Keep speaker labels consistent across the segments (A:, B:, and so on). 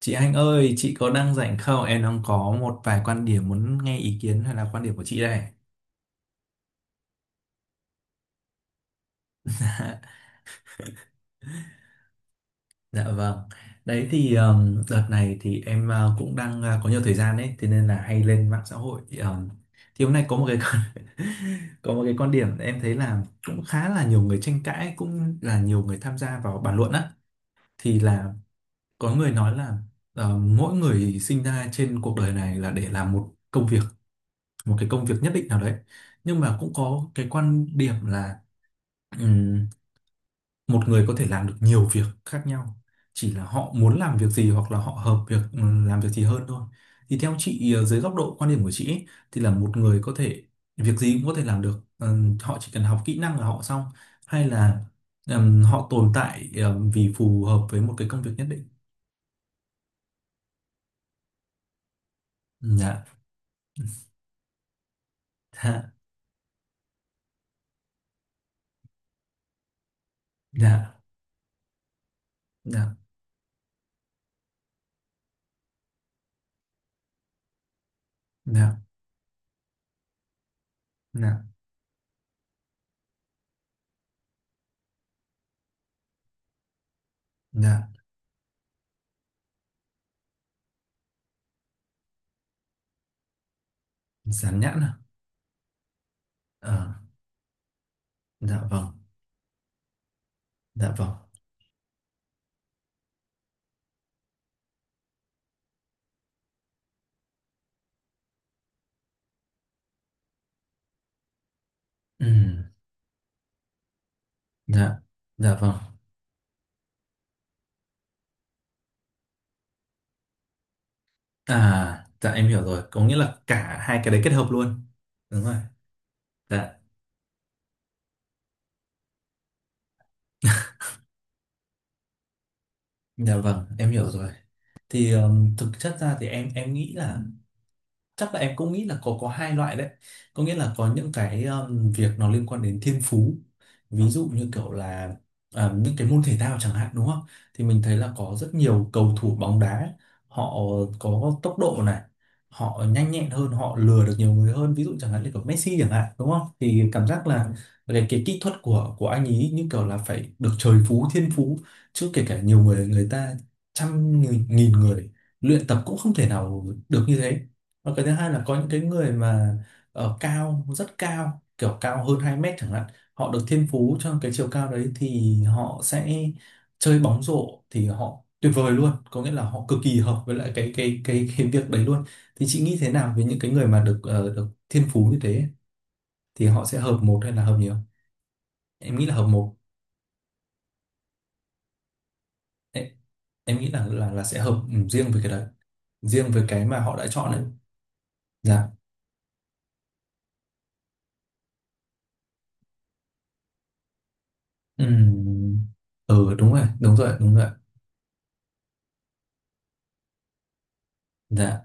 A: Chị Anh ơi, chị có đang rảnh không? Em đang có một vài quan điểm muốn nghe ý kiến hay là quan điểm của chị đây. Dạ vâng. Đấy thì đợt này thì em cũng đang có nhiều thời gian đấy, thế nên là hay lên mạng xã hội. Thì hôm nay có một cái con- có một cái quan điểm em thấy là cũng khá là nhiều người tranh cãi, cũng là nhiều người tham gia vào bàn luận á. Thì là có người nói là mỗi người sinh ra trên cuộc đời này là để làm một công việc, một cái công việc nhất định nào đấy. Nhưng mà cũng có cái quan điểm là Ừm, một người có thể làm được nhiều việc khác nhau, chỉ là họ muốn làm việc gì hoặc là họ hợp việc làm việc gì hơn thôi. Thì theo chị, dưới góc độ quan điểm của chị ấy, thì là một người có thể việc gì cũng có thể làm được, họ chỉ cần học kỹ năng là họ xong, hay là họ tồn tại vì phù hợp với một cái công việc nhất định. Dạ. Dạ. Dạ. Dạ. Dạ. Dạ. Dạ. Dán nhãn à? Ờ, dạ vâng. Dạ vâng. Ừm. Dạ. Dạ vâng. À, dạ em hiểu rồi. Có nghĩa là cả hai cái đấy kết hợp luôn. Đúng rồi. Dạ. Dạ vâng, em hiểu rồi. Thì thực chất ra thì em nghĩ là chắc là em cũng nghĩ là có hai loại đấy, có nghĩa là có những cái, việc nó liên quan đến thiên phú, ví dụ như kiểu là những cái môn thể thao chẳng hạn đúng không. Thì mình thấy là có rất nhiều cầu thủ bóng đá, họ có tốc độ này, họ nhanh nhẹn hơn, họ lừa được nhiều người hơn, ví dụ chẳng hạn như kiểu Messi chẳng hạn, đúng không, thì cảm giác là cái kỹ thuật của anh ấy như kiểu là phải được trời phú, thiên phú, chứ kể cả nhiều người, người ta trăm nghìn, nghìn người luyện tập cũng không thể nào được như thế. Và cái thứ hai là có những cái người mà ở cao, rất cao, kiểu cao hơn 2 mét chẳng hạn, họ được thiên phú cho cái chiều cao đấy thì họ sẽ chơi bóng rổ thì họ tuyệt vời luôn, có nghĩa là họ cực kỳ hợp với lại cái việc đấy luôn. Thì chị nghĩ thế nào với những cái người mà được thiên phú như thế, thì họ sẽ hợp một hay là hợp nhiều? Em nghĩ là hợp một. Em, em nghĩ là là sẽ hợp, riêng với cái đấy, riêng với cái mà họ đã chọn đấy. Dạ. Ừ. Ừ, đúng rồi, đúng rồi, đúng rồi. Dạ.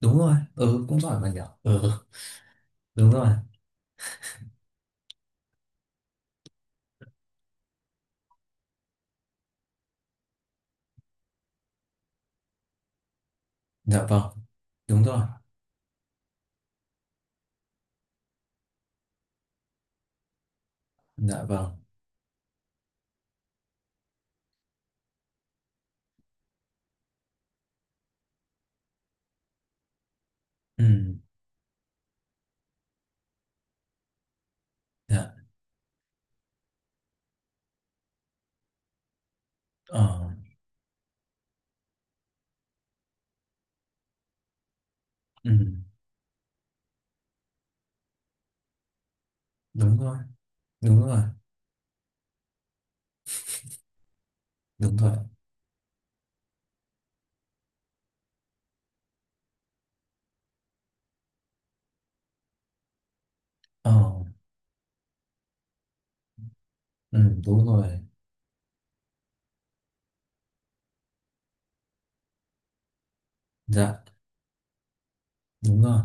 A: Đúng rồi, ừ, cũng giỏi mà nhỉ. Ừ, đúng rồi. Dạ vâng. Đúng rồi. Dạ vâng. Ừ. Dạ. Ờ. Ừ, đúng rồi, đúng rồi, đúng rồi. Ờ. Ừ, đúng rồi. Dạ. Đúng rồi,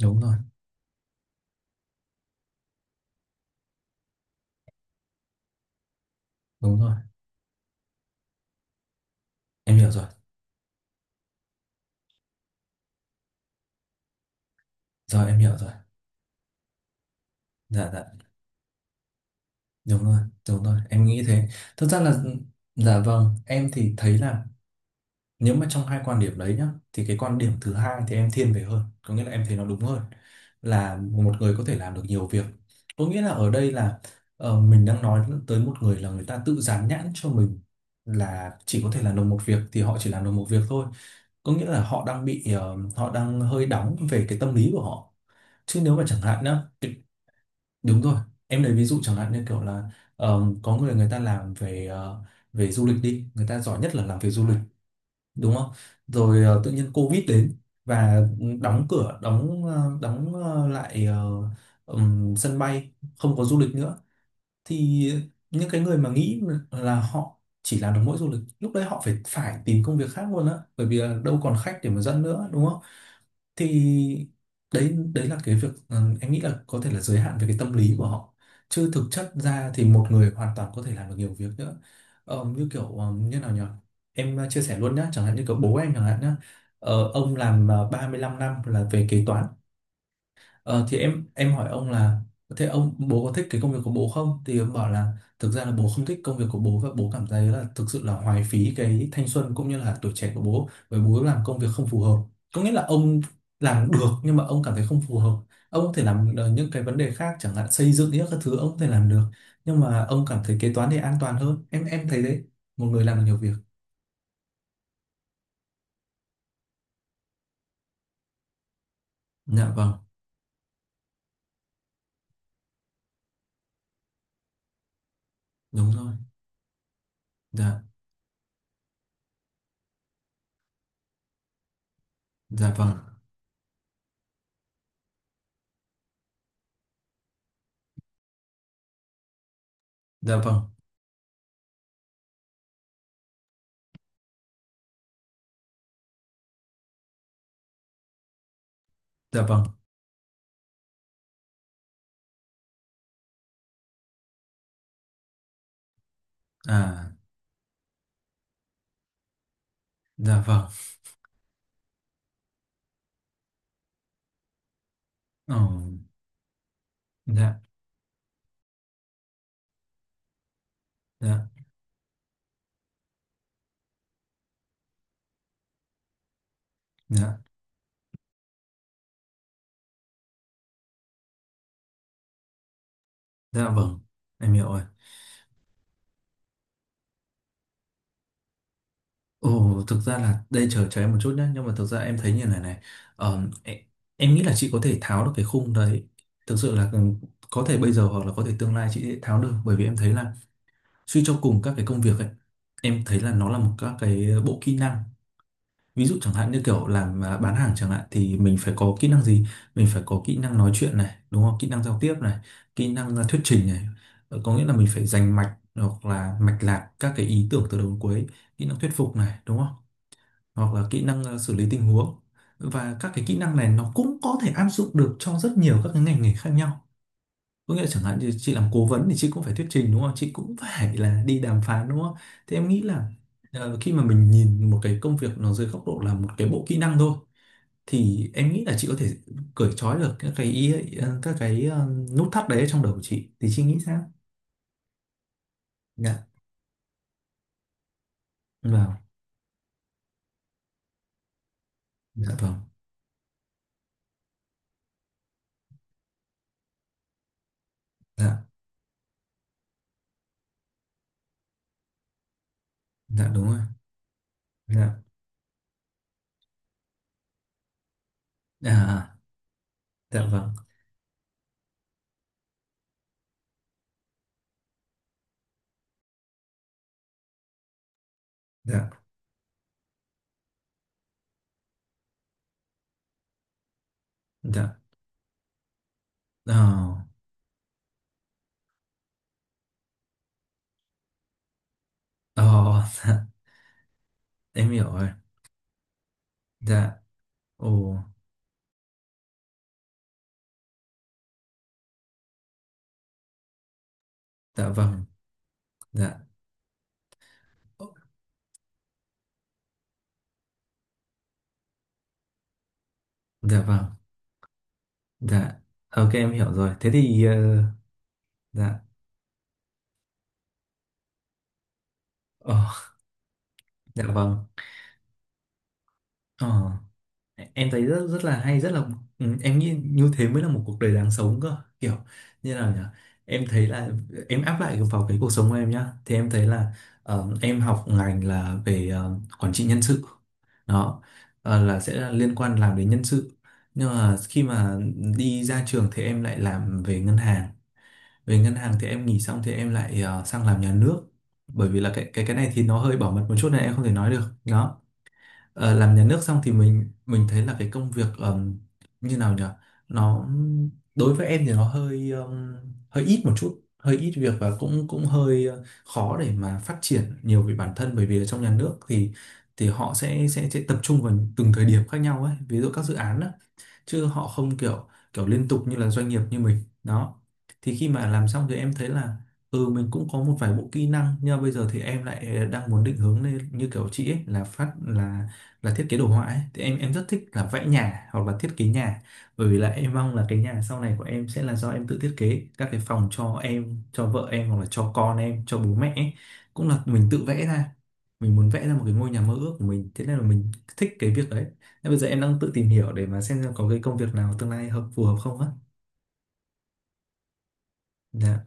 A: đúng rồi, đúng rồi. Em hiểu rồi. Rồi, em hiểu rồi. Dạ. Dạ. Đúng rồi, đúng rồi. Em nghĩ thế. Thực ra là, dạ vâng, em thì thấy là, nếu mà trong hai quan điểm đấy nhá, thì cái quan điểm thứ hai thì em thiên về hơn, có nghĩa là em thấy nó đúng hơn, là một người có thể làm được nhiều việc. Có nghĩa là ở đây là, mình đang nói tới một người là người ta tự dán nhãn cho mình là chỉ có thể làm được một việc thì họ chỉ làm được một việc thôi, có nghĩa là họ đang hơi đóng về cái tâm lý của họ. Chứ nếu mà chẳng hạn nhá, đúng rồi, em lấy ví dụ chẳng hạn như kiểu là, có người người ta làm về du lịch đi, người ta giỏi nhất là làm về du lịch, đúng không. Rồi tự nhiên Covid đến và đóng cửa, lại sân bay, không có du lịch nữa, thì những cái người mà nghĩ là họ chỉ làm được mỗi du lịch, lúc đấy họ phải phải tìm công việc khác luôn á, bởi vì là đâu còn khách để mà dẫn nữa, đúng không. Thì đấy, đấy là cái việc, em nghĩ là có thể là giới hạn về cái tâm lý của họ, chứ thực chất ra thì một người hoàn toàn có thể làm được nhiều việc nữa. Ờ, như kiểu, như nào nhỉ, em chia sẻ luôn nhá, chẳng hạn như kiểu bố em chẳng hạn nhá. Ờ, ông làm 35 năm là về kế toán. Ờ, thì em hỏi ông là, thế ông bố có thích cái công việc của bố không? Thì ông bảo là thực ra là bố không thích công việc của bố, và bố cảm thấy là thực sự là hoài phí cái thanh xuân cũng như là tuổi trẻ của bố, bởi bố làm công việc không phù hợp. Có nghĩa là ông làm được nhưng mà ông cảm thấy không phù hợp. Ông có thể làm những cái vấn đề khác chẳng hạn xây dựng những các thứ, ông có thể làm được, nhưng mà ông cảm thấy kế toán thì an toàn hơn. Em thấy đấy, một người làm được nhiều việc. Dạ vâng, đúng rồi. Dạ, dạ vâng, dạ vâng, dạ vâng. À, dạ vâng. Ờ. Dạ, dạ, dạ, dạ vâng, em hiểu rồi. Ồ, thực ra là đây, chờ cho em một chút nhé, nhưng mà thực ra em thấy như này này. Ờm, em, em nghĩ là chị có thể tháo được cái khung đấy. Thực sự là có thể bây giờ hoặc là có thể tương lai chị sẽ tháo được, bởi vì em thấy là suy cho cùng các cái công việc ấy, em thấy là nó là một các cái bộ kỹ năng. Ví dụ chẳng hạn như kiểu làm bán hàng chẳng hạn thì mình phải có kỹ năng gì? Mình phải có kỹ năng nói chuyện này, đúng không, kỹ năng giao tiếp này, kỹ năng thuyết trình này. Ờ, có nghĩa là mình phải dành mạch hoặc là mạch lạc các cái ý tưởng từ đầu đến cuối, kỹ năng thuyết phục này, đúng không, hoặc là kỹ năng xử lý tình huống. Và các cái kỹ năng này nó cũng có thể áp dụng được cho rất nhiều các cái ngành nghề khác nhau, có nghĩa là chẳng hạn như chị làm cố vấn thì chị cũng phải thuyết trình, đúng không, chị cũng phải là đi đàm phán, đúng không. Thế em nghĩ là, khi mà mình nhìn một cái công việc nó dưới góc độ là một cái bộ kỹ năng thôi, thì em nghĩ là chị có thể cởi trói được các cái ý ấy, các cái nút thắt đấy trong đầu của chị, thì chị nghĩ sao? Dạ vâng. Dạ vâng. Dạ. Dạ. Đúng rồi. Dạ. À, à, à. Dạ vâng. Dạ. Dạ. Ờ. Ờ. Dạ. Em hiểu rồi. Dạ. Ồ. Dạ vâng. Dạ. Dạ vâng. Dạ, ok em hiểu rồi. Thế thì, dạ, Ờ, dạ vâng. Ờ, em thấy rất rất là hay, rất là, ừ, em nghĩ như thế mới là một cuộc đời đáng sống cơ. Kiểu như nào nhỉ? Em thấy là, em áp lại vào cái cuộc sống của em nhá. Thì em thấy là, em học ngành là về quản trị nhân sự. Đó, là sẽ là liên quan làm đến nhân sự. Nhưng mà khi mà đi ra trường thì em lại làm về ngân hàng, về ngân hàng thì em nghỉ xong thì em lại sang làm nhà nước, bởi vì là cái này thì nó hơi bảo mật một chút này, em không thể nói được, đó. Ờ, làm nhà nước xong thì mình thấy là cái công việc, như nào nhỉ, nó đối với em thì nó hơi hơi ít một chút, hơi ít việc, và cũng cũng hơi khó để mà phát triển nhiều về bản thân, bởi vì ở trong nhà nước thì họ sẽ tập trung vào từng thời điểm khác nhau ấy, ví dụ các dự án á, chứ họ không kiểu kiểu liên tục như là doanh nghiệp như mình, đó. Thì khi mà làm xong thì em thấy là, ừ, mình cũng có một vài bộ kỹ năng, nhưng mà bây giờ thì em lại đang muốn định hướng lên như kiểu chị ấy, là phát là thiết kế đồ họa ấy. Thì em rất thích là vẽ nhà hoặc là thiết kế nhà, bởi vì là em mong là cái nhà sau này của em sẽ là do em tự thiết kế các cái phòng cho em, cho vợ em hoặc là cho con em, cho bố mẹ ấy. Cũng là mình tự vẽ ra, mình muốn vẽ ra một cái ngôi nhà mơ ước của mình, thế nên là mình thích cái việc đấy. Thế bây giờ em đang tự tìm hiểu để mà xem có cái công việc nào tương lai phù hợp không á. Dạ,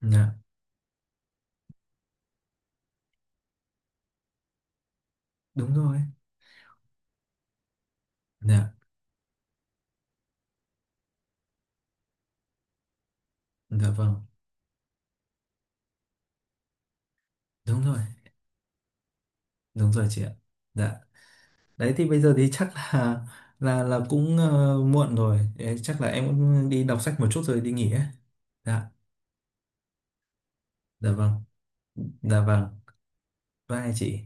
A: dạ, đúng rồi. Dạ, dạ vâng, đúng rồi, đúng rồi chị ạ. Dạ, đấy thì bây giờ thì chắc là là cũng, muộn rồi. Đấy, chắc là em cũng đi đọc sách một chút rồi đi nghỉ ấy. Dạ, dạ vâng, dạ vâng. Bye chị.